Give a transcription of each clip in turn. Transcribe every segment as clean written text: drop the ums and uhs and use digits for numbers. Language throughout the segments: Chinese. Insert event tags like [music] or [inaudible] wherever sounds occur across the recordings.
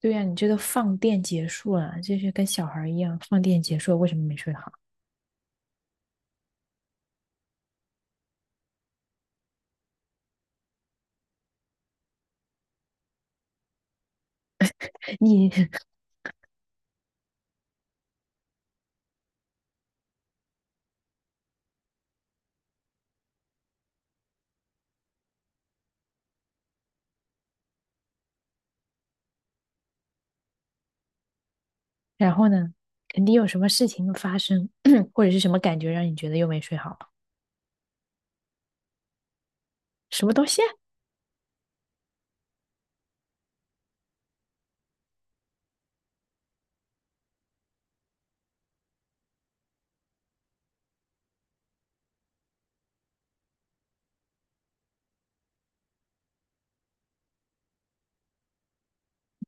对呀、你这都放电结束了，就是跟小孩儿一样，放电结束了为什么没睡好？你 [laughs] 然后呢，肯定有什么事情发生，[clears throat] 或者是什么感觉让你觉得又没睡好？什么东西啊？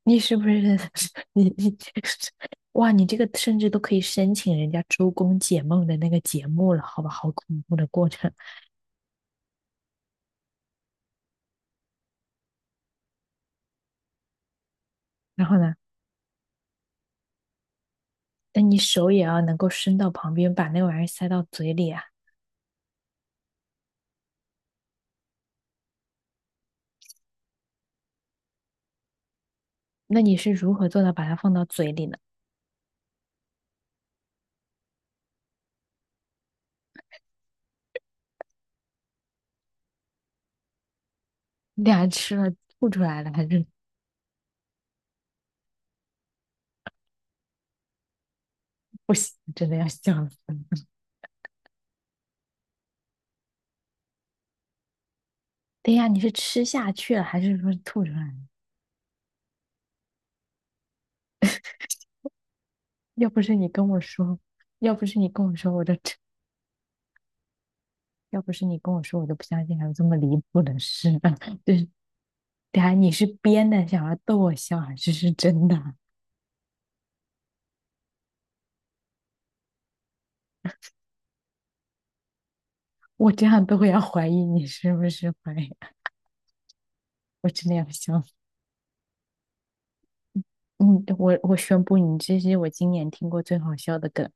你是不是 [laughs] 你 [laughs] 哇？你这个甚至都可以申请人家周公解梦的那个节目了，好吧？好恐怖的过程。然后呢，那你手也要能够伸到旁边，把那玩意儿塞到嘴里啊？那你是如何做到把它放到嘴里呢？你俩吃了吐出来了还是？不行，真的要笑死了。等一下，你是吃下去了，还是说吐出来了？要不是你跟我说，要不是你跟我说，我都，要不是你跟我说，我都不相信还有这么离谱的事。[laughs] 就是等一下你是编的，想要逗我笑，还是是真的？我这样都会要怀疑你是不是怀疑，我真的要笑死。嗯，我宣布，你这是我今年听过最好笑的梗。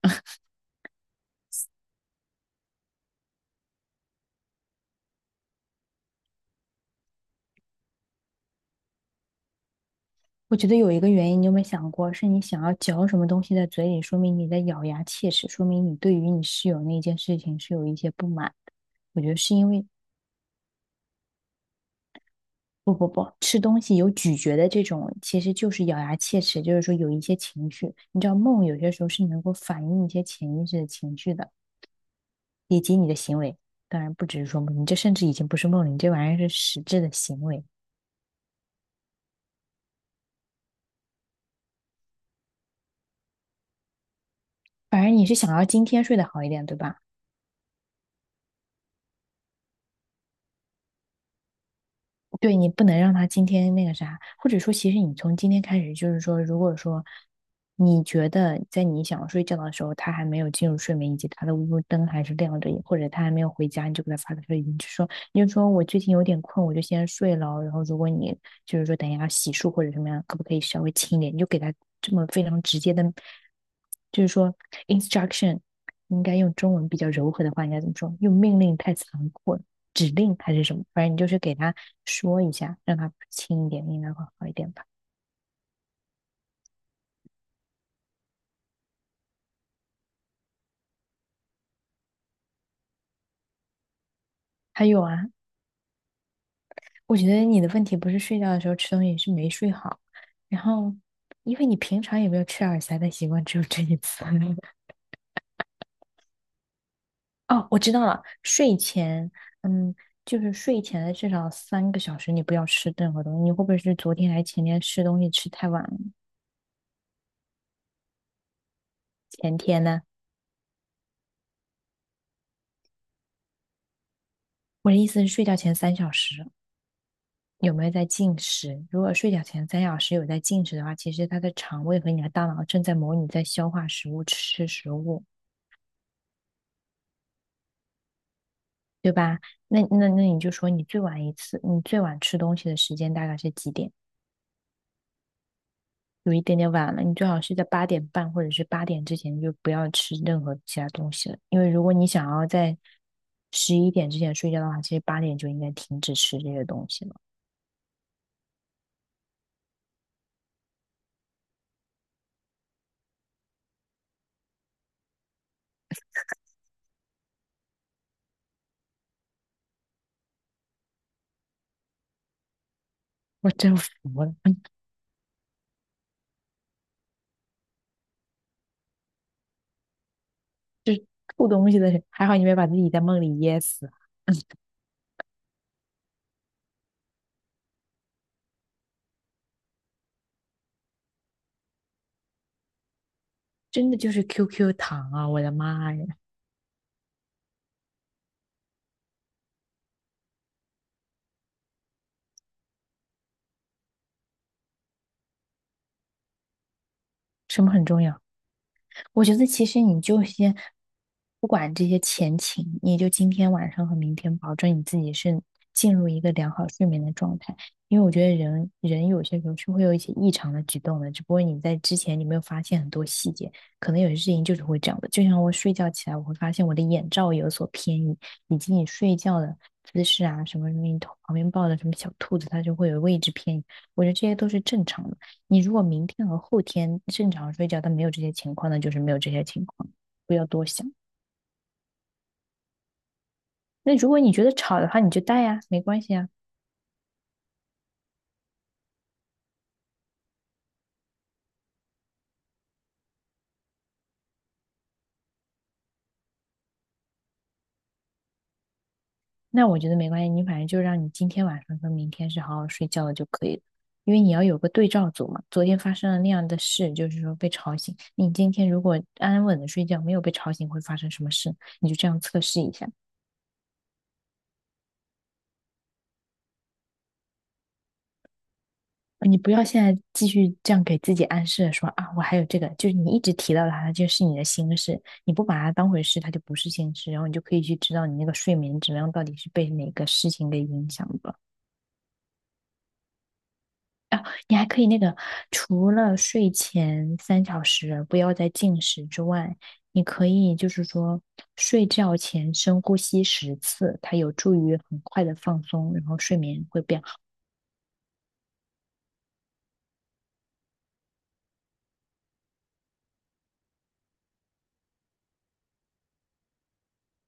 我觉得有一个原因，你有没有想过，是你想要嚼什么东西在嘴里，说明你在咬牙切齿，说明你对于你室友那件事情是有一些不满的。我觉得是因为不不不，吃东西有咀嚼的这种，其实就是咬牙切齿，就是说有一些情绪。你知道梦有些时候是能够反映一些潜意识的情绪的，以及你的行为。当然不只是说梦，你这甚至已经不是梦了，你这玩意儿是实质的行为。反而你是想要今天睡得好一点，对吧？对你不能让他今天那个啥，或者说，其实你从今天开始，就是说，如果说你觉得在你想要睡觉的时候，他还没有进入睡眠，以及他的屋灯还是亮着，或者他还没有回家，你就给他发个消息，你就说你就说我最近有点困，我就先睡了。然后如果你就是说等一下洗漱或者什么样，可不可以稍微轻一点？你就给他这么非常直接的，就是说 instruction,你应该用中文比较柔和的话，应该怎么说？用命令太残酷了，指令还是什么？反正你就是给他说一下，让他轻一点，应该会好一点吧。还有啊，我觉得你的问题不是睡觉的时候吃东西，是没睡好，然后因为你平常也没有吃耳塞的习惯，只有这一次。[laughs] 哦，我知道了，睡前，嗯，就是睡前的至少3个小时，你不要吃任何东西。你会不会是昨天还是前天吃东西吃太晚了？前天呢？我的意思是睡觉前三小时有没有在进食？如果睡觉前三小时有在进食的话，其实他的肠胃和你的大脑正在模拟在消化食物、吃食物，对吧？那你就说你最晚一次，你最晚吃东西的时间大概是几点？有一点点晚了，你最好是在8点半或者是八点之前就不要吃任何其他东西了，因为如果你想要在11点之前睡觉的话，其实八点就应该停止吃这些东西了。[laughs] 我真服了，[laughs] 吐东西的人，还好你没把自己在梦里噎死，真的就是 QQ 糖啊！我的妈呀，什么很重要？我觉得其实你就先不管这些前情，你就今天晚上和明天保证你自己是进入一个良好睡眠的状态，因为我觉得人人有些时候是会有一些异常的举动的，只不过你在之前你没有发现很多细节，可能有些事情就是会这样的。就像我睡觉起来，我会发现我的眼罩有所偏移，以及你睡觉的姿势啊，什么什么你头旁边抱的什么小兔子，它就会有位置偏移，我觉得这些都是正常的。你如果明天和后天正常睡觉，但没有这些情况，那就是没有这些情况，不要多想。那如果你觉得吵的话，你就带呀，没关系啊。那我觉得没关系，你反正就让你今天晚上跟明天是好好睡觉的就可以了，因为你要有个对照组嘛。昨天发生了那样的事，就是说被吵醒，你今天如果安稳的睡觉，没有被吵醒，会发生什么事？你就这样测试一下。你不要现在继续这样给自己暗示说啊，我还有这个，就是你一直提到它，它就是你的心事，你不把它当回事，它就不是心事，然后你就可以去知道你那个睡眠质量到底是被哪个事情给影响的。啊，你还可以那个，除了睡前三小时不要再进食之外，你可以就是说睡觉前深呼吸10次，它有助于很快的放松，然后睡眠会变好，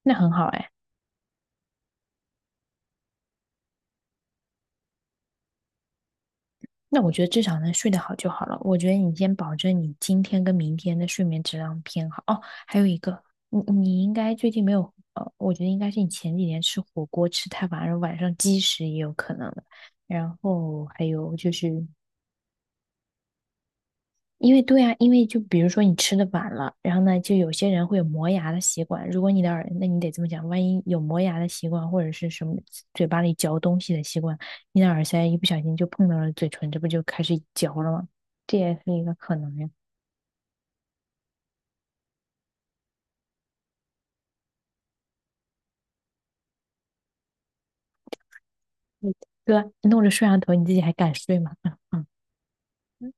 那很好哎。那我觉得至少能睡得好就好了。我觉得你先保证你今天跟明天的睡眠质量偏好。哦，还有一个，你应该最近没有，呃，我觉得应该是你前几天吃火锅吃太晚了，晚上积食也有可能的。然后还有就是，因为对啊，因为就比如说你吃的晚了，然后呢，就有些人会有磨牙的习惯。如果你的耳，那你得这么讲，万一有磨牙的习惯，或者是什么嘴巴里嚼东西的习惯，你的耳塞一不小心就碰到了嘴唇，这不就开始嚼了吗？这也是一个可能呀，对吧？弄着摄像头，你自己还敢睡吗？[laughs] 嗯嗯，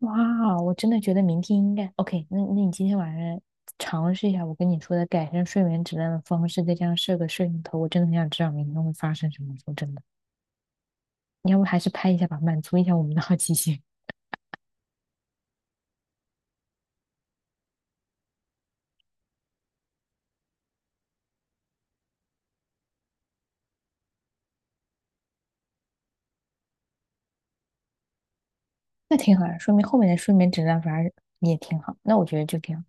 哇哦，我真的觉得明天应该 OK 那。那你今天晚上尝试一下我跟你说的改善睡眠质量的方式，再加上设个摄像头，我真的很想知道明天会发生什么。说真的。你要不还是拍一下吧，满足一下我们的好奇心，[laughs] 那挺好的，说明后面的睡眠质量反而也挺好。那我觉得就挺好，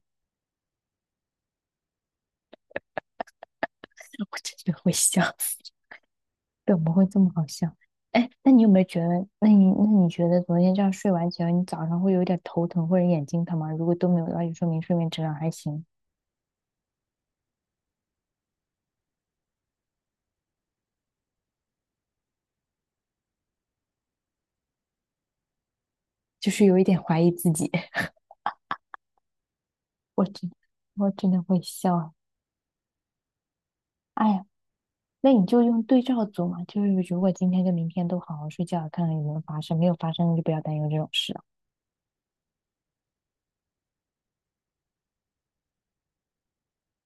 [laughs] 我真的会笑死，怎么会这么好笑？哎，那你有没有觉得，那你觉得昨天这样睡完觉，你早上会有一点头疼或者眼睛疼吗？如果都没有的话，就说明睡眠质量还行，就是有一点怀疑自己。[laughs] 我真我真的会笑啊，哎呀。那你就用对照组嘛，就是如果今天跟明天都好好睡觉，看看有没有发生，没有发生就不要担忧这种事。